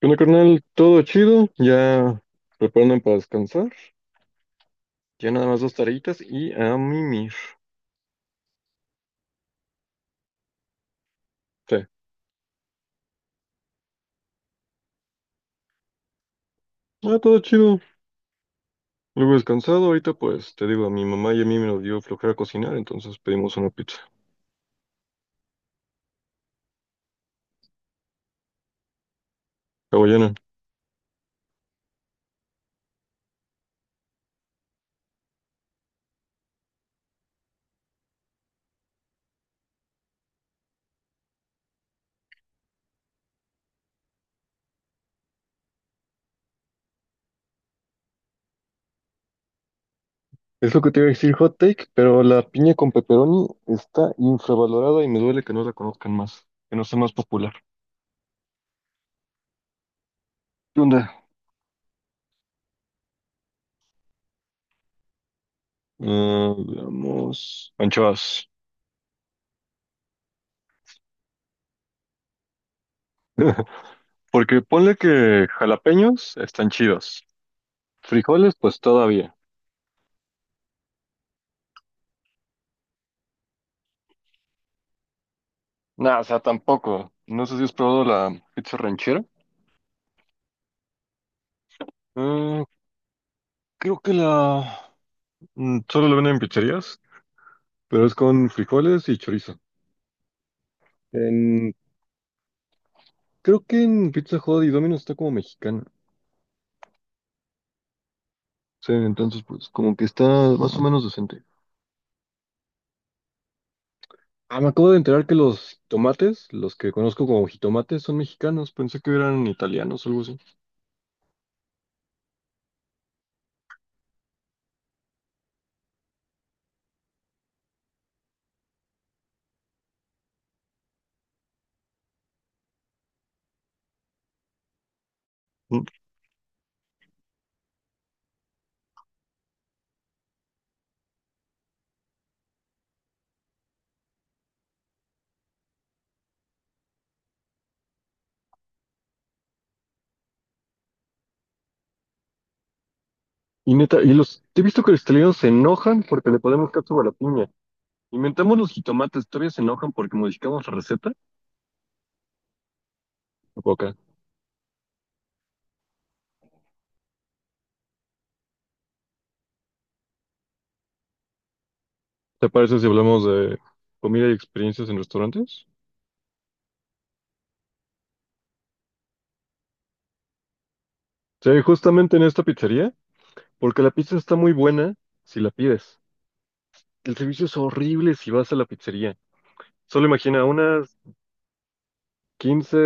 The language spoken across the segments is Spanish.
Bueno, carnal, todo chido, ya preparando para descansar, ya nada más dos tareitas y a mimir. Sí, ah, todo chido, luego descansado, ahorita pues te digo, a mi mamá y a mí me lo dio flojera cocinar, entonces pedimos una pizza hawaiana. Es lo que te iba a decir hot take, pero la piña con pepperoni está infravalorada y me duele que no la conozcan más, que no sea más popular. ¿Qué onda? Ah, veamos. Anchoas. Porque ponle que jalapeños están chidos. Frijoles, pues todavía. Nada, o sea, tampoco. No sé si has probado la pizza ranchera. Eh, Creo que solo la venden en pizzerías, pero es con frijoles y chorizo. En... Creo que en Pizza Hut y Domino's está como mexicana. Sí, entonces pues como que está más o menos decente. Ah, me acabo de enterar que los tomates, los que conozco como jitomates, son mexicanos. Pensé que eran italianos o algo así. Mm, Y neta, y he visto que los italianos se enojan porque le ponemos catsup a la piña. Inventamos los jitomates, todavía se enojan porque modificamos la receta. Boca. ¿Te parece si hablamos de comida y experiencias en restaurantes? Sí, justamente en esta pizzería, porque la pizza está muy buena si la pides. El servicio es horrible si vas a la pizzería. Solo imagina unas 15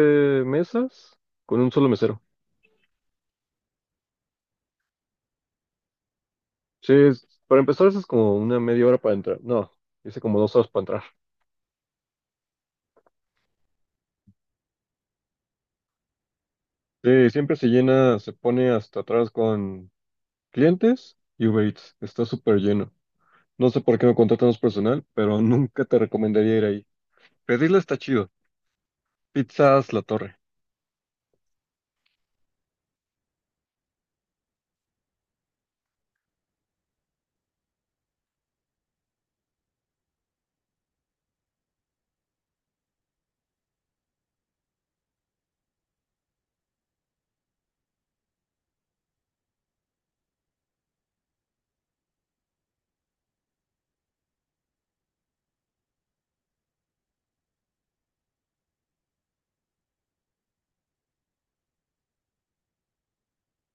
mesas con un solo mesero. Sí, para empezar eso es como una media hora para entrar. No, dice como 2 horas para entrar. Sí, siempre se llena, se pone hasta atrás con clientes y Uber Eats. Está súper lleno. No sé por qué no contratan más personal, pero nunca te recomendaría ir ahí. Pedirla está chido. Pizzas La Torre.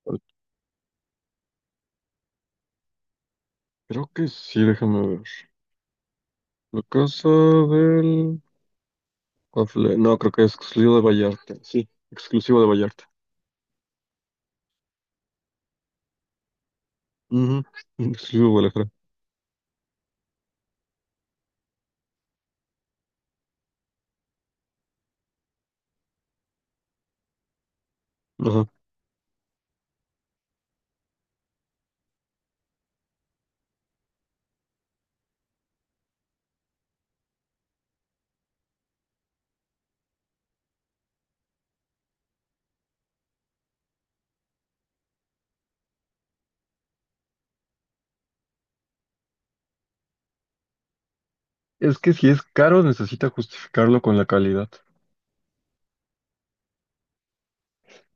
Pues, creo que sí, déjame ver. La casa del... waffle- No, creo que es exclusivo de Vallarta. Sí, exclusivo de Vallarta. Ujú, exclusivo de Guadalajara. Ajá. Es que si es caro, necesita justificarlo con la calidad.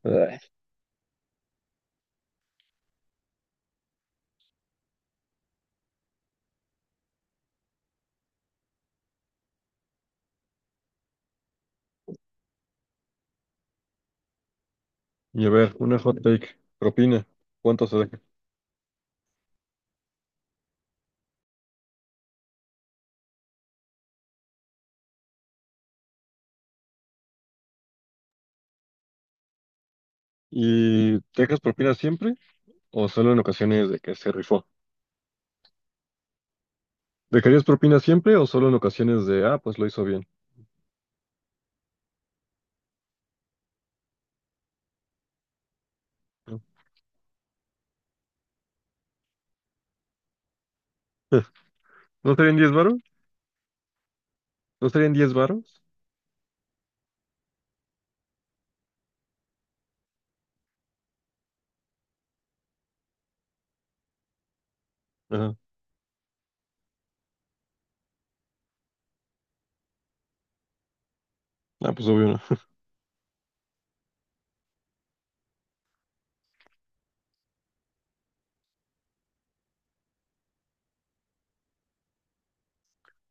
Ay. Y a ver, una hot take. Propina. ¿Cuánto se deja? ¿Y dejas propina siempre o solo en ocasiones de que se rifó? ¿Dejarías propina siempre o solo en ocasiones de, ah, pues lo hizo bien? ¿No ¿No serían 10 varos? ¿No serían 10 varos? Ajá. Ah, pues obvio no.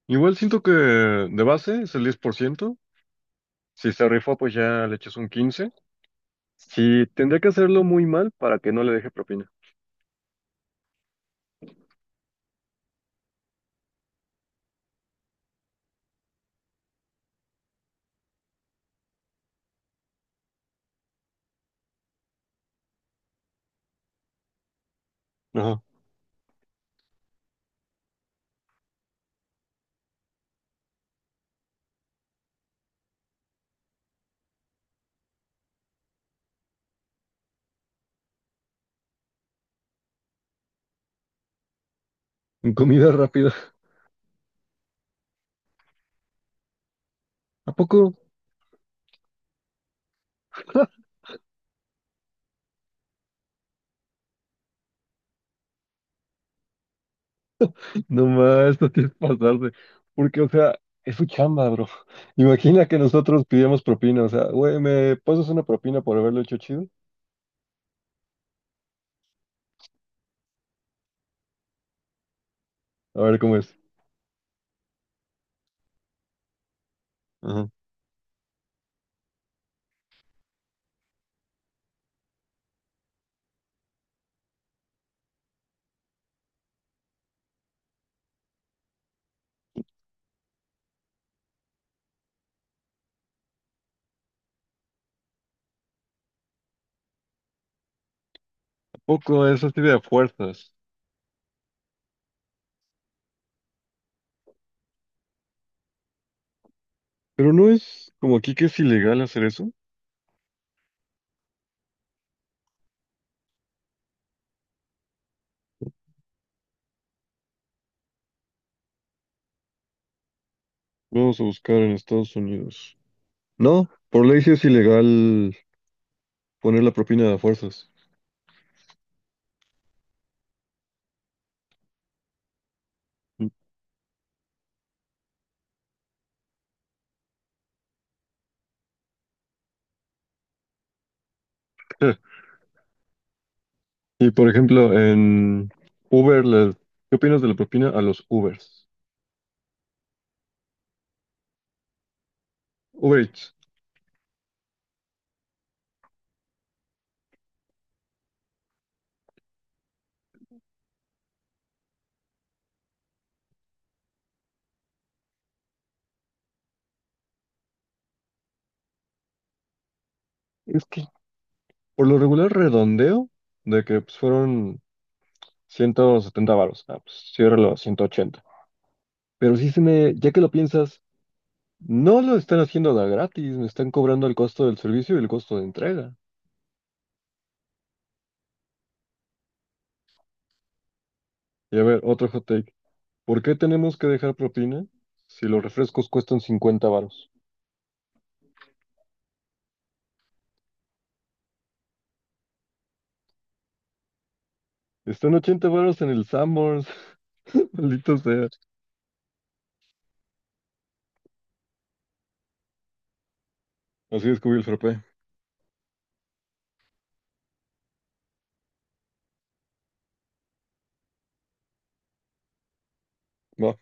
Igual siento que de base es el 10%. Si se rifa, pues ya le echas un 15. Si tendría que hacerlo muy mal para que no le deje propina. Ajá. En comida rápida. ¿A poco? No más, no tienes que pasarse. Porque, o sea, es su chamba, bro. Imagina que nosotros pidíamos propina. O sea, güey, ¿me pasas una propina por haberlo hecho chido? A ver cómo es. Ajá. ¿A poco es así de fuerzas? Pero no es como aquí que es ilegal hacer eso. Vamos a buscar en Estados Unidos. No, por ley sí es ilegal poner la propina a fuerzas. Y por ejemplo, en Uber, ¿qué opinas de la propina a los Ubers? Uber Eats. Es que por lo regular redondeo de que pues, fueron 170 varos. Ah, pues ciérralo a 180. Pero sí se me, ya que lo piensas, no lo están haciendo de a gratis, me están cobrando el costo del servicio y el costo de entrega. Y a ver, otro hot take. ¿Por qué tenemos que dejar propina si los refrescos cuestan 50 varos? Están 80 varos en el Sanborns. Maldito sea. Así descubrí el frappé. Va.